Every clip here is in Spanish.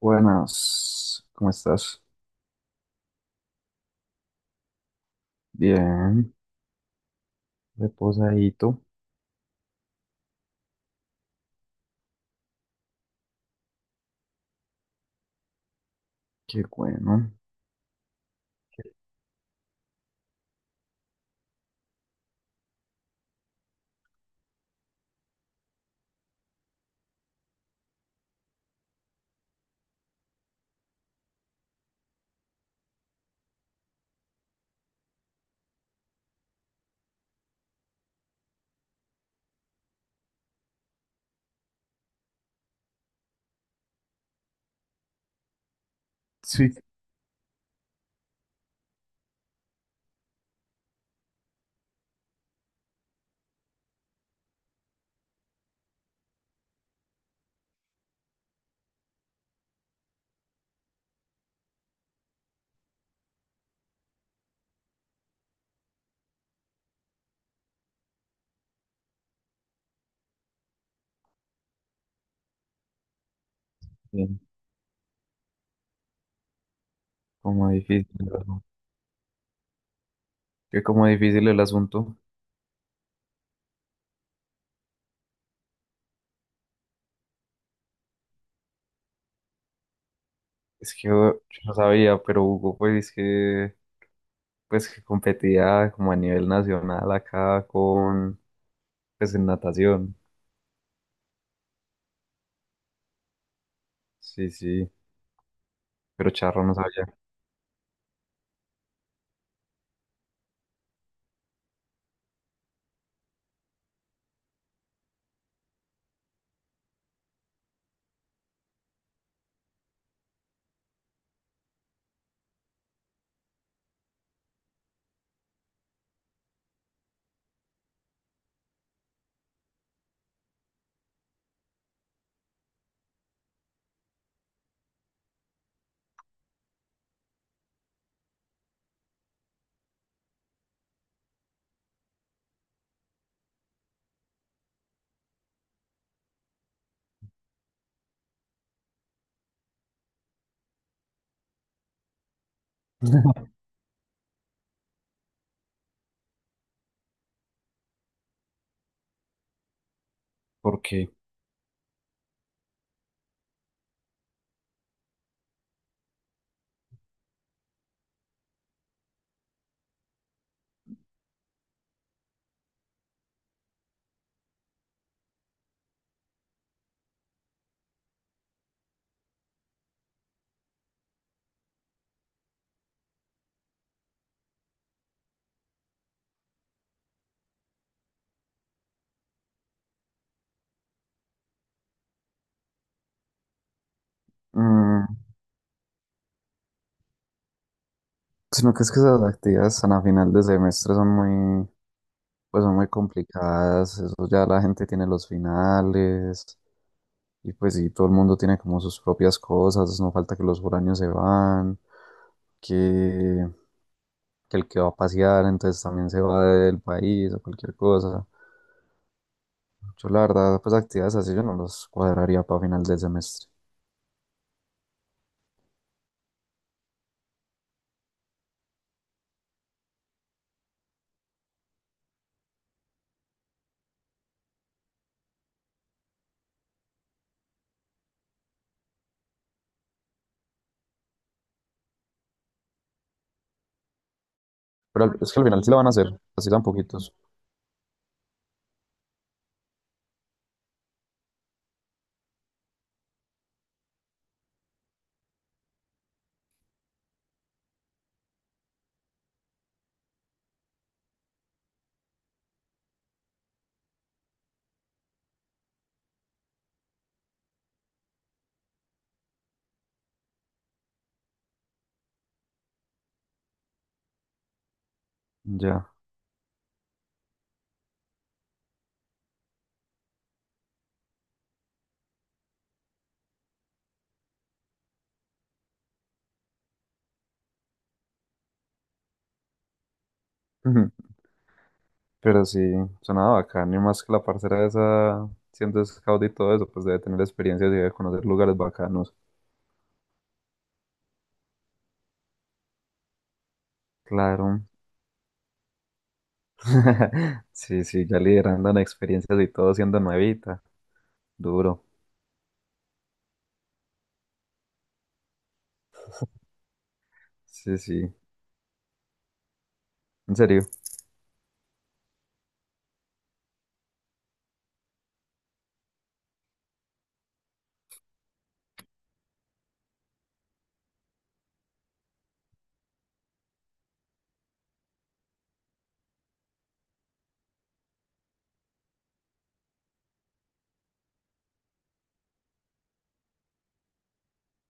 Buenas, ¿cómo estás? Bien, reposadito, qué bueno. Sí, bien, como difícil, ¿no? Que como difícil el asunto. Es que yo no sabía, pero Hugo, pues es que, pues que competía como a nivel nacional acá con, pues en natación. Sí, sí, pero Charro no sabía. ¿Por qué? Mm, sino que es que esas actividades tan a final de semestre son muy, pues son muy complicadas. Eso ya la gente tiene los finales. Y pues sí, todo el mundo tiene como sus propias cosas, no falta que los foráneos se van, que, que el que va a pasear entonces también se va del país o cualquier cosa. Yo la verdad, pues actividades así yo no los cuadraría para final del semestre. Pero al- es que al final sí la van a hacer, así tan poquitos. Ya. Ujú. Pero sí, sonaba bacán, y más que la parcera esa, siendo scout y todo eso, pues debe tener experiencias y debe conocer lugares bacanos. Claro. Sí, sí, ya liderando en experiencias y todo siendo nuevita. Duro. Sí, sí, en serio.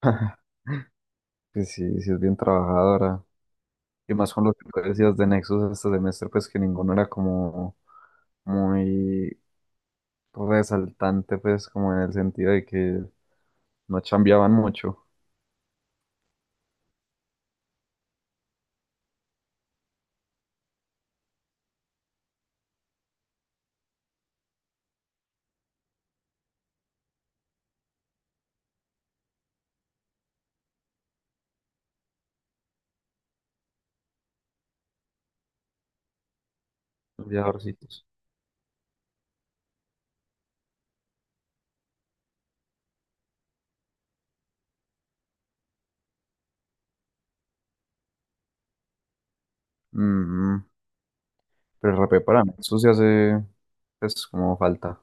Pues sí, sí es bien trabajadora. Y más con lo que tú decías de Nexus este semestre, pues que ninguno era como muy resaltante, pues como en el sentido de que no chambeaban mucho los viajorcitos. Mm, pero el RP para Nexus ya hace, pues como falta.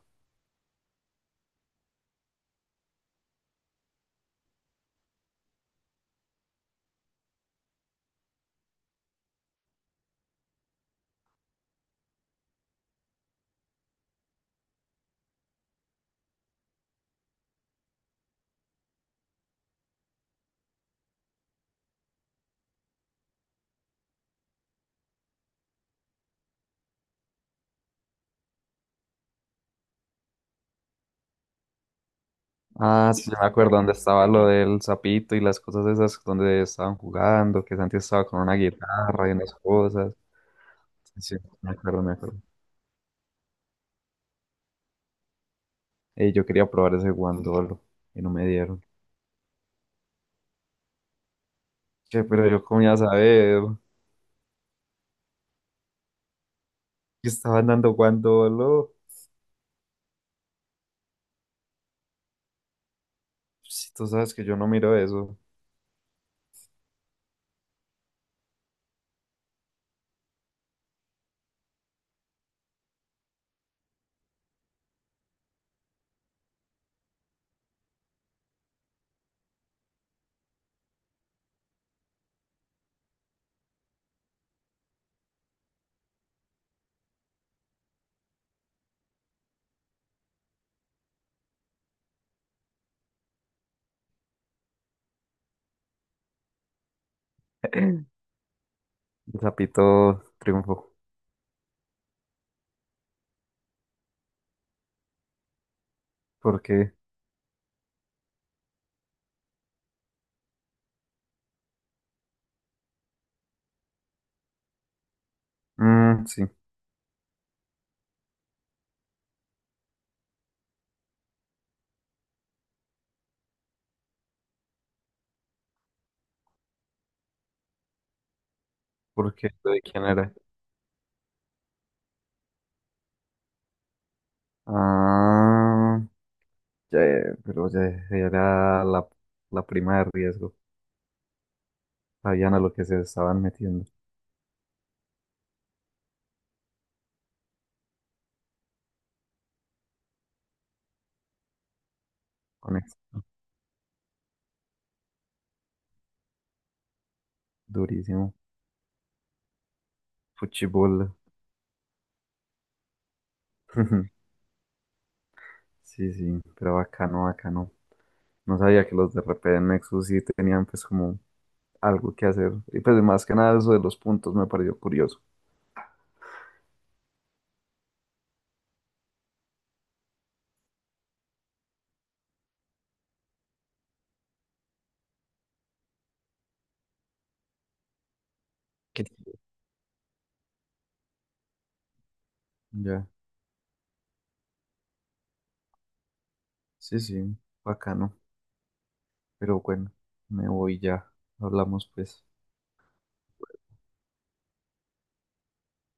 Ah, sí, ya me acuerdo dónde estaba lo del sapito y las cosas esas donde estaban jugando, que Santi estaba con una guitarra y unas cosas. Sí, sí, me acuerdo, me acuerdo. Yo quería probar ese guandolo y no me dieron. Che, pero yo cómo iba a saber que estaban dando guandolo. Si tú sabes que yo no miro eso. El sapito triunfó. ¿Por qué? Mm, sí, porque lo de quién era. Ah, ya, pero ya era la prima de riesgo. Sabían a lo que se estaban metiendo con eso. Durísimo. Fuchibol. Sí, sí, pero bacano, bacano. No sabía que los de RP de Nexus sí tenían pues como algo que hacer. Y pues más que nada eso de los puntos me pareció curioso. Que- ya, sí, sí, bacano. Pero bueno, me voy ya. Hablamos pues.